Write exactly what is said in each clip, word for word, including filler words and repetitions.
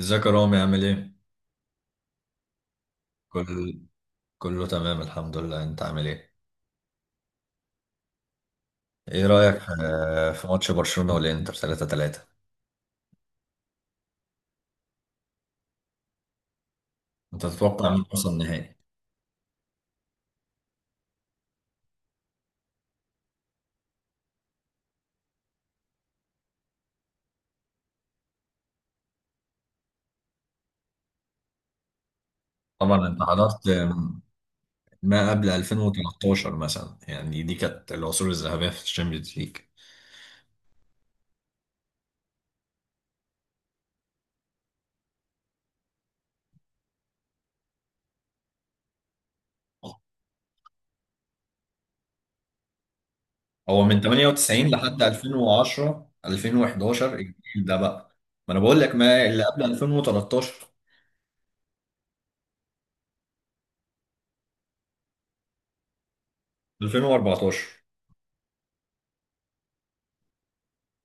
ازيك يا رامي عامل ايه؟ كل كله تمام الحمد لله، انت عامل ايه؟ ايه رأيك في في ماتش برشلونة والانتر ثلاثة ثلاثة؟ انت تتوقع مين يوصل النهائي؟ طبعا انت حضرت ما قبل ألفين وتلتاشر مثلا، يعني دي كانت العصور الذهبية في الشامبيونز ليج. هو من تمانية وتسعين لحد ألفين وعشرة ألفين واحد عشر الجيل ده بقى. ما انا بقول لك ما اللي قبل ألفين وتلتاشر ألفين واربعتاشر.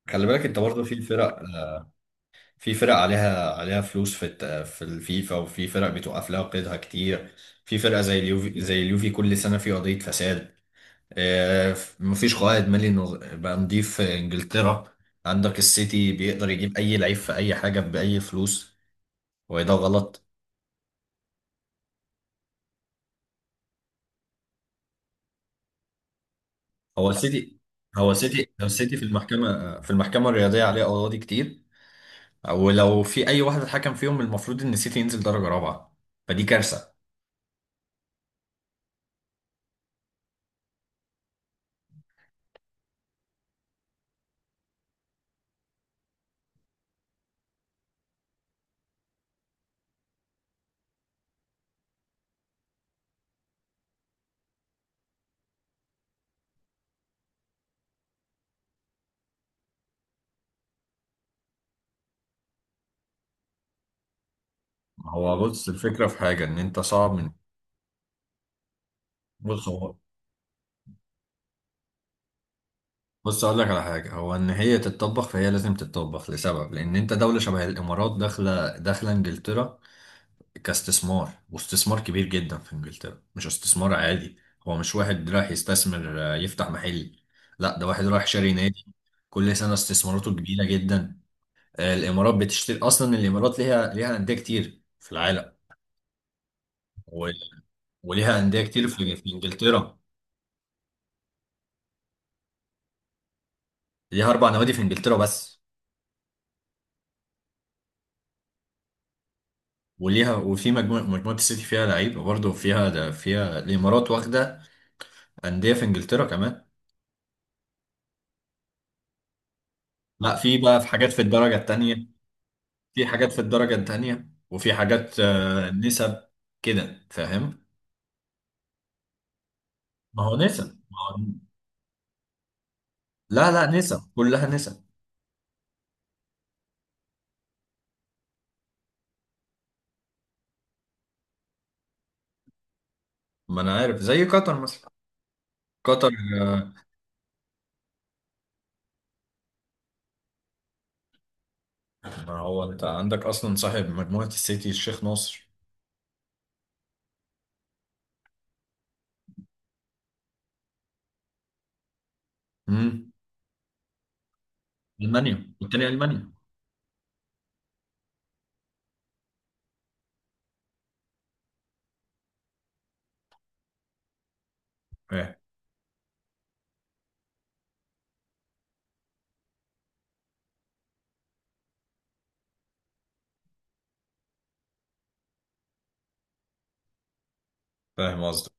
خلي بالك انت برضه في فرق، في فرق عليها عليها فلوس في الت- في الفيفا، وفي فرق بتوقف لها قيدها كتير. في فرقة زي اليوفي، زي اليوفي كل سنة في قضية فساد. آه، مفيش قائد مالي نظ- بقى نضيف في انجلترا. عندك السيتي بيقدر يجيب اي لعيب في اي حاجة بأي فلوس، وده غلط. هو السيتي هو السيتي هو السيتي في المحكمة في المحكمة الرياضية عليه قواضي كتير، ولو في اي واحد اتحكم فيهم المفروض ان السيتي ينزل درجة رابعة، فدي كارثة. هو بص، الفكرة في حاجة ان انت صعب من، بص هو، بص اقول لك على حاجه. هو ان هي تتطبخ فهي لازم تتطبخ لسبب، لان انت دوله شبه الامارات داخله داخله انجلترا كاستثمار، واستثمار كبير جدا في انجلترا، مش استثمار عادي. هو مش واحد رايح يستثمر آه، يفتح محل، لا ده واحد رايح شاري نادي. كل سنه استثماراته كبيره جدا. آه، الامارات بتشتري اصلا، الامارات ليها ليها انديه كتير في العالم، و- وليها انديه كتير في في انجلترا. ليها اربع نوادي في انجلترا بس. وليها، وفي مجموعة مجموعة السيتي فيها لعيبة برضه، فيها ده، فيها الإمارات واخدة أندية في إنجلترا كمان. لا، في بقى في حاجات في الدرجة التانية، في حاجات في الدرجة التانية، وفي حاجات آه، نسب كده فاهم. ما هو نسب، ما هو، لا لا نسب، كلها نسب. ما أنا عارف زي قطر مثلا، قطر. آه، ما هو أنت عندك أصلا صاحب مجموعة السيتي الشيخ ناصر. امم ألمانيا والتاني ألمانيا. فاهم. فاهم قصدي.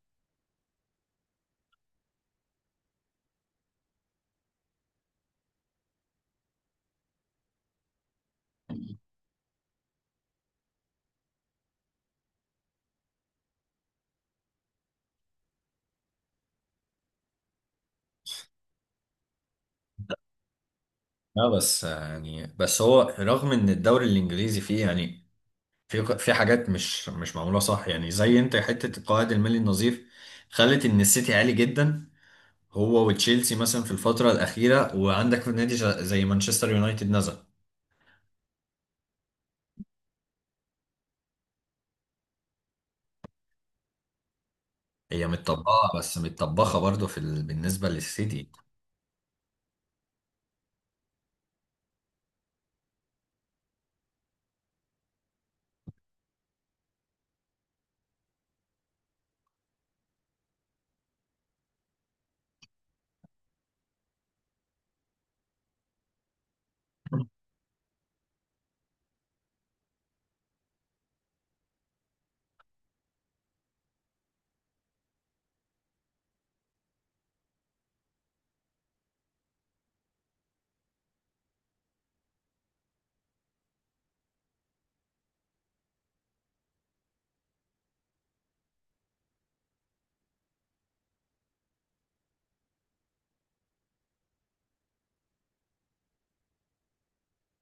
لا بس يعني، بس هو رغم ان الدوري الانجليزي فيه يعني، في في حاجات مش مش معموله صح، يعني زي انت حته القواعد المالي النظيف خلت ان السيتي عالي جدا، هو وتشيلسي مثلا في الفتره الاخيره. وعندك في نادي ج- زي مانشستر يونايتد نزل. هي متطبقه بس متطبخه برضه في ال... بالنسبه للسيتي.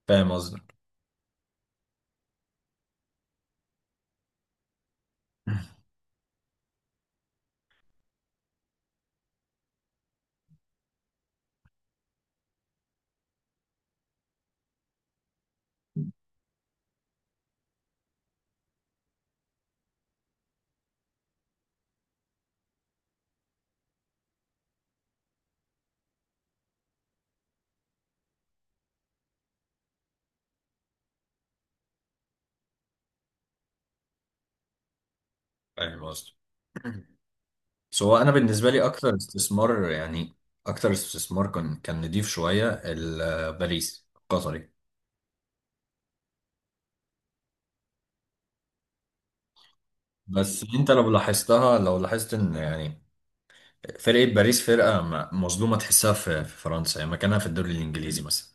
فاهم قصدي. فاهم قصدي. سو انا بالنسبه لي اكتر استثمار يعني، اكتر استثمار كان، كان نضيف شويه ال- باريس القطري. بس انت لو لاحظتها، لو لاحظت ان يعني فرقه باريس فرقه م- مظلومه، تحسها في في فرنسا يعني مكانها في الدوري الانجليزي مثلا،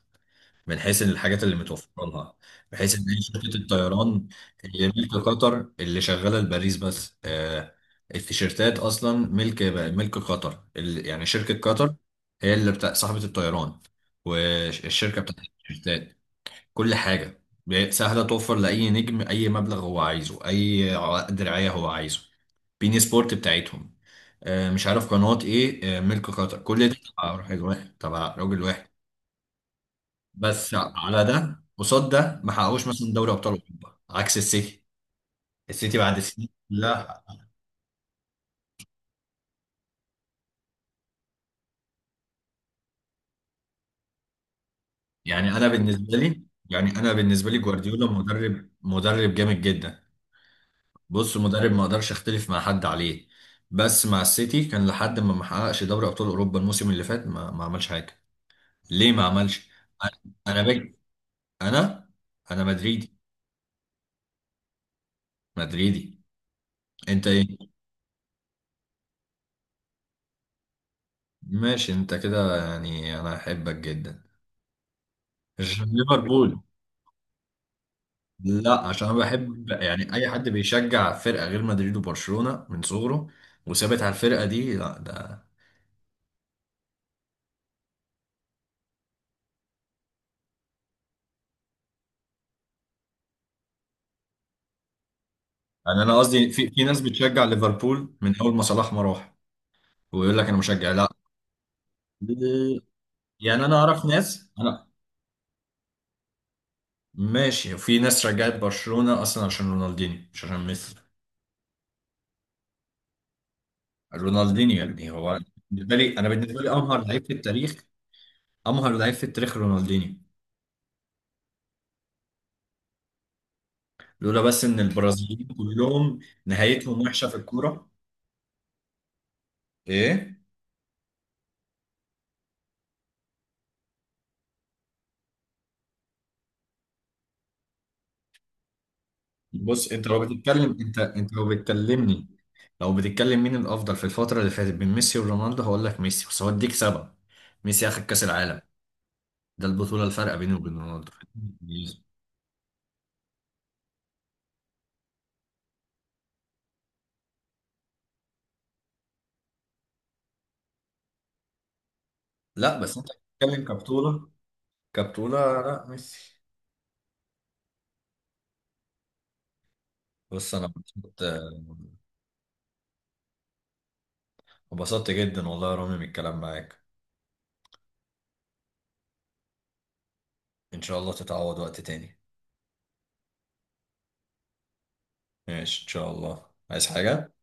من حيث الحاجات اللي متوفره لها، بحيث ان هي شركه الطيران اللي ملك قطر اللي شغاله لباريس بس. آه، التيشيرتات اصلا ملك، ملك قطر ال- يعني شركه قطر، هي اللي بتاع صاحبه الطيران والشركه بتاعت التيشيرتات. كل حاجة سهلة، توفر لأي نجم أي مبلغ هو عايزه، أي عقد رعاية هو عايزه. بين سبورت بتاعتهم، آه، مش عارف قناة إيه، آه، ملك قطر، كل ده تبع راجل واحد، تبع راجل واحد. بس على ده قصاد ده ما حققوش مثلا دوري أبطال أوروبا عكس السيتي. السيتي بعد سنين، لا. يعني أنا بالنسبة لي، يعني أنا بالنسبة لي جوارديولا مدرب، مدرب جامد جدا. بص مدرب ما اقدرش اختلف مع حد عليه، بس مع السيتي كان لحد ما ما حققش دوري ابطال اوروبا الموسم اللي فات، ما, ما عملش حاجه. ليه ما عملش؟ انا باجي، انا، انا مدريدي. مدريدي. انت ايه؟ ماشي. انت كده يعني انا احبك جدا. عشان ليفربول، لا عشان انا بحب يعني اي حد بيشجع فرقه غير مدريد وبرشلونه من صغره وثابت على الفرقه دي، لا ده. يعني انا قصدي في في ناس بتشجع ليفربول من اول ما صلاح ما راح، ويقول لك انا مشجع. لا، يعني انا اعرف ناس، انا، ماشي. في ناس رجعت برشلونة اصلا عشان رونالدينيو، مش عشان ميسي. رونالدينيو يعني هو، بالنسبة لي، انا بالنسبة لي امهر لعيب في التاريخ. امهر لعيب في التاريخ رونالدينيو، لولا بس ان البرازيليين كلهم نهايتهم وحشة في الكورة. ايه. بص انت لو بتتكلم، انت انت لو بتكلمني، لو بتتكلم مين الافضل في الفترة اللي فاتت بين ميسي ورونالدو هقول لك ميسي، بس هوديك سبب. ميسي اخد كاس العالم، ده البطولة الفارقة بينه وبين رونالدو. لا بس انت بتتكلم كبطولة، كبتونة لا ميسي. بص انا انبسطت، انبسطت جدا والله يا رامي من الكلام معاك. ان شاء الله تتعوض وقت تاني. ماشي ان شاء الله. عايز حاجة؟